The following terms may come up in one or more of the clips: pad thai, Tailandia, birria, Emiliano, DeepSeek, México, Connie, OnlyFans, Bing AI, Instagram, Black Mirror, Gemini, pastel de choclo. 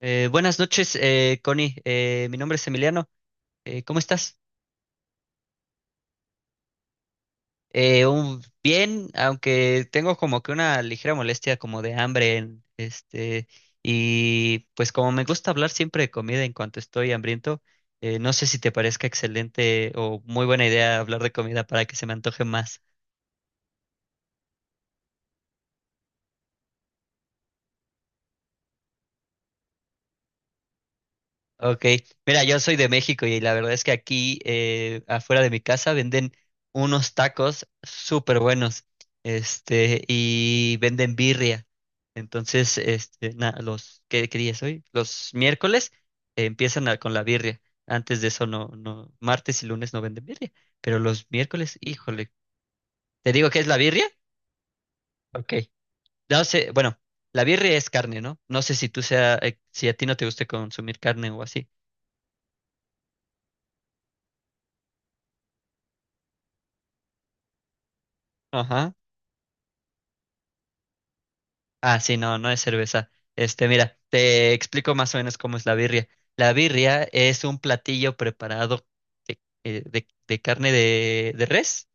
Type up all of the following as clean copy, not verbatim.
Buenas noches, Connie. Mi nombre es Emiliano. ¿Cómo estás? Bien, aunque tengo como que una ligera molestia como de hambre, este, y pues como me gusta hablar siempre de comida en cuanto estoy hambriento, no sé si te parezca excelente o muy buena idea hablar de comida para que se me antoje más. Ok, mira, yo soy de México y la verdad es que aquí afuera de mi casa venden unos tacos súper buenos, este, y venden birria. Entonces, este, ¿qué, qué día es hoy? Los miércoles empiezan con la birria. Antes de eso no, no, martes y lunes no venden birria, pero los miércoles, híjole, ¿te digo qué es la birria? Ok, no sé, bueno, la birria es carne, ¿no? No sé si tú sea, si a ti no te guste consumir carne o así. Ajá. Ah, sí, no, no es cerveza. Este, mira, te explico más o menos cómo es la birria. La birria es un platillo preparado de, de carne de res,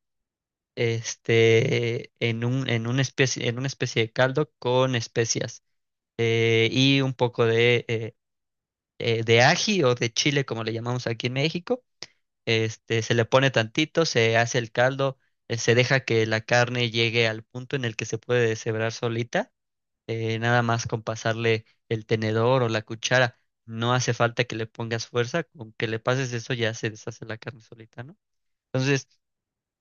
este, en una especie de caldo con especias y un poco de ají o de chile, como le llamamos aquí en México. Este, se le pone tantito, se hace el caldo, se deja que la carne llegue al punto en el que se puede deshebrar solita nada más con pasarle el tenedor o la cuchara. No hace falta que le pongas fuerza, con que le pases eso ya se deshace la carne solita, ¿no? Entonces,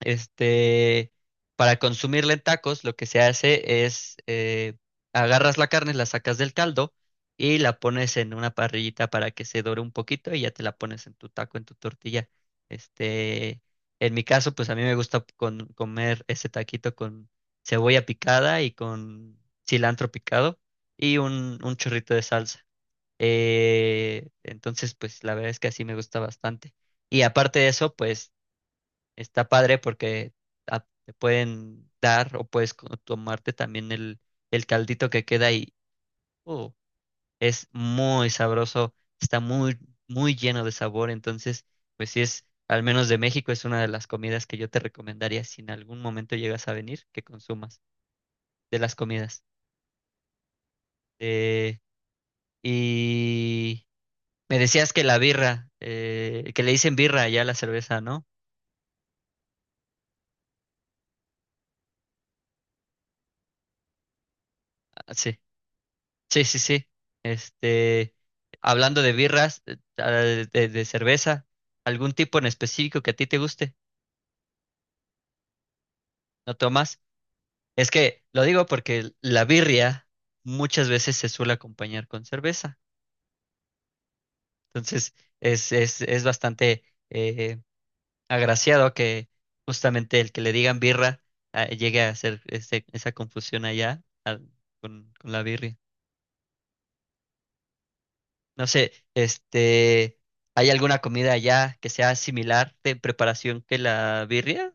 este, para consumirla en tacos, lo que se hace es agarras la carne, la sacas del caldo y la pones en una parrillita para que se dore un poquito y ya te la pones en tu taco, en tu tortilla. Este, en mi caso, pues a mí me gusta comer ese taquito con cebolla picada y con cilantro picado y un chorrito de salsa. Entonces, pues la verdad es que así me gusta bastante. Y aparte de eso, pues está padre porque ah, te pueden dar o puedes tomarte también el caldito que queda y uh, es muy sabroso, está muy, muy lleno de sabor. Entonces, pues si es, al menos de México, es una de las comidas que yo te recomendaría si en algún momento llegas a venir, que consumas de las comidas. Eh, y me decías que la birra, que le dicen birra ya a la cerveza, ¿no? Ah, sí. Sí, sí, sí. Este, hablando de birras, de cerveza, algún tipo en específico que a ti te guste, ¿no tomas? Es que lo digo porque la birria muchas veces se suele acompañar con cerveza. Entonces, es bastante eh, agraciado que justamente el que le digan birra ah, llegue a hacer esa confusión allá ah, con la birria. No sé, este, ¿hay alguna comida allá que sea similar de preparación que la birria?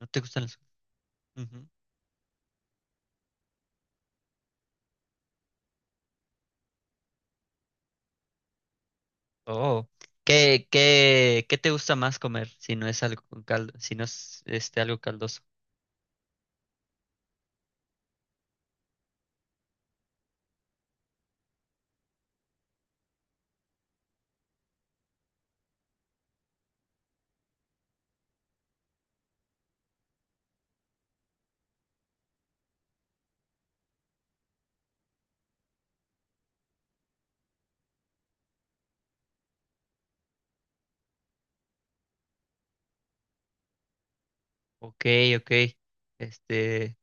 ¿No te gustan las? Ujú. Oh, ¿qué, qué, qué te gusta más comer si no es algo con caldo, si no es este algo caldoso? Ok, ok. Este,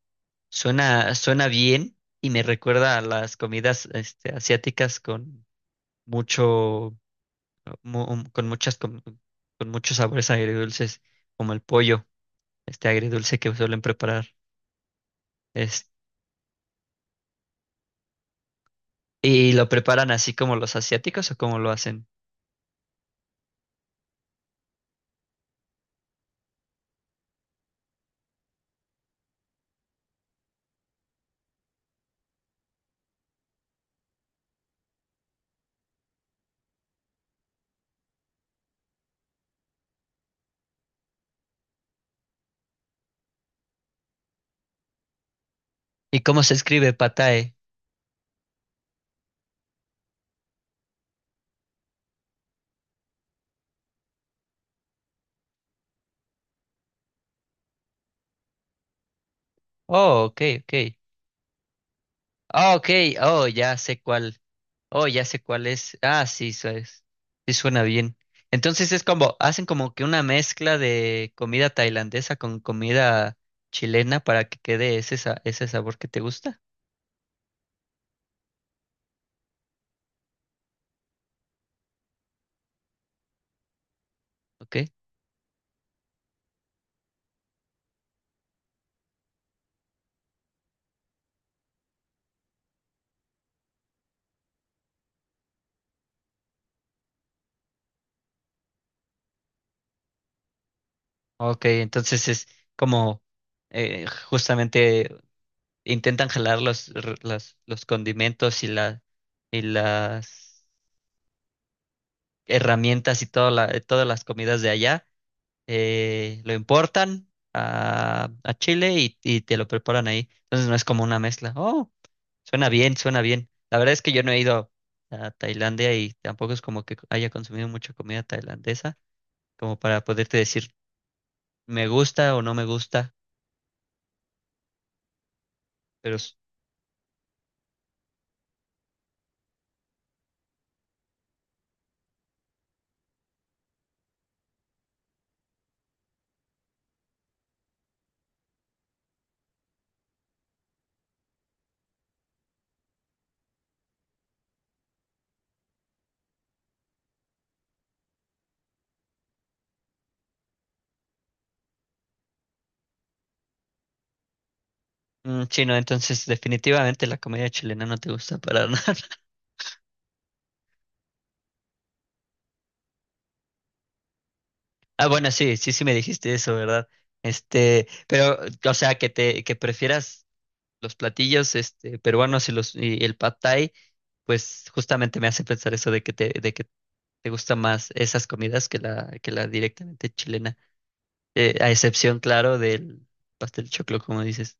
suena, suena bien y me recuerda a las comidas este, asiáticas con mucho, con muchas, con, muchos sabores agridulces, como el pollo, este agridulce que suelen preparar. ¿Y lo preparan así como los asiáticos o cómo lo hacen? ¿Y cómo se escribe patae? Oh, ok, ok. Ah, ok, oh, ya sé cuál. Oh, ya sé cuál es. Ah, sí, sí suena bien. Entonces es como, hacen como que una mezcla de comida tailandesa con comida chilena para que quede ese, ese sabor que te gusta. Ok, ok, entonces es como justamente intentan jalar los, los condimentos y la, y las herramientas y todas las comidas de allá, lo importan a Chile y te lo preparan ahí. Entonces no es como una mezcla. Oh, suena bien, suena bien. La verdad es que yo no he ido a Tailandia y tampoco es como que haya consumido mucha comida tailandesa, como para poderte decir me gusta o no me gusta, pero mm, sí, no, entonces definitivamente la comida chilena no te gusta para nada. Ah, bueno, sí, sí, sí me dijiste eso, ¿verdad? Este, pero, o sea, que te, que prefieras los platillos este, peruanos y, los, y el pad thai, pues justamente me hace pensar eso de que te gustan más esas comidas que la directamente chilena. A excepción, claro, del pastel de choclo, como dices.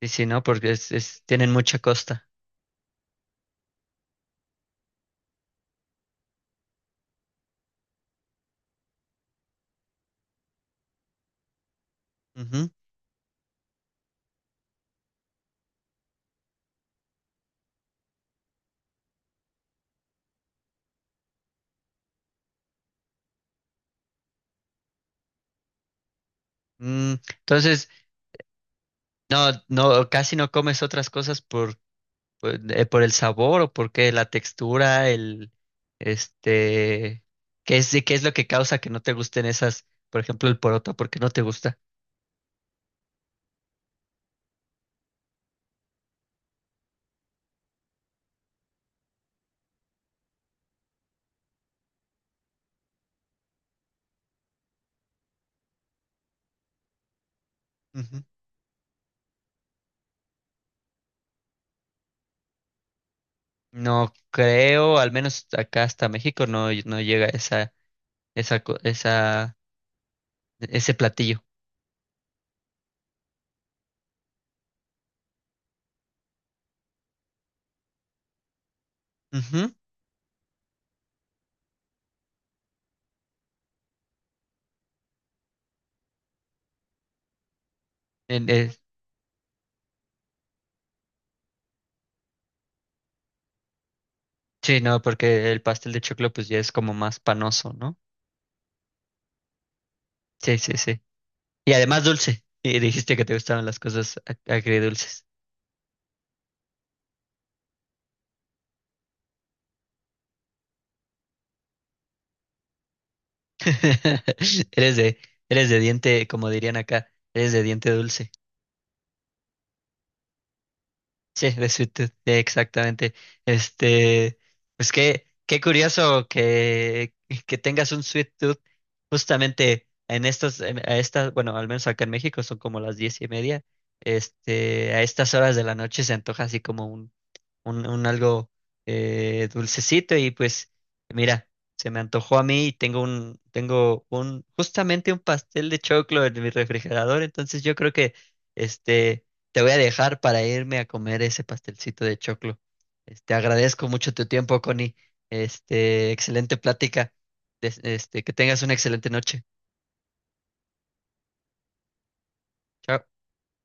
Y sí, ¿no? Porque es, tienen mucha costa. Ujú. Mm, entonces, no, no, casi no comes otras cosas por el sabor o porque la textura, el, este, qué es lo que causa que no te gusten esas, por ejemplo, el poroto, porque no te gusta? Ujú. No creo, al menos acá hasta México no, no llega esa, esa, esa, ese platillo. Ujú. En- eh, sí, no, porque el pastel de choclo pues ya es como más panoso, ¿no? Sí, sí, sí. Y además dulce. Y dijiste que te gustaban las cosas agridulces. Eres de, eres de diente, como dirían acá, eres de diente dulce. Sí, de Suited, sí, exactamente. Este, pues qué, qué curioso que tengas un Sweet Tooth justamente en estas, a estas, bueno, al menos acá en México son como las 10:30. Este, a estas horas de la noche se antoja así como un algo dulcecito y pues mira, se me antojó a mí y tengo un, justamente un pastel de choclo en mi refrigerador, entonces yo creo que este, te voy a dejar para irme a comer ese pastelcito de choclo. Este, agradezco mucho tu tiempo, Connie. Este, excelente plática. Este, que tengas una excelente noche. Chao.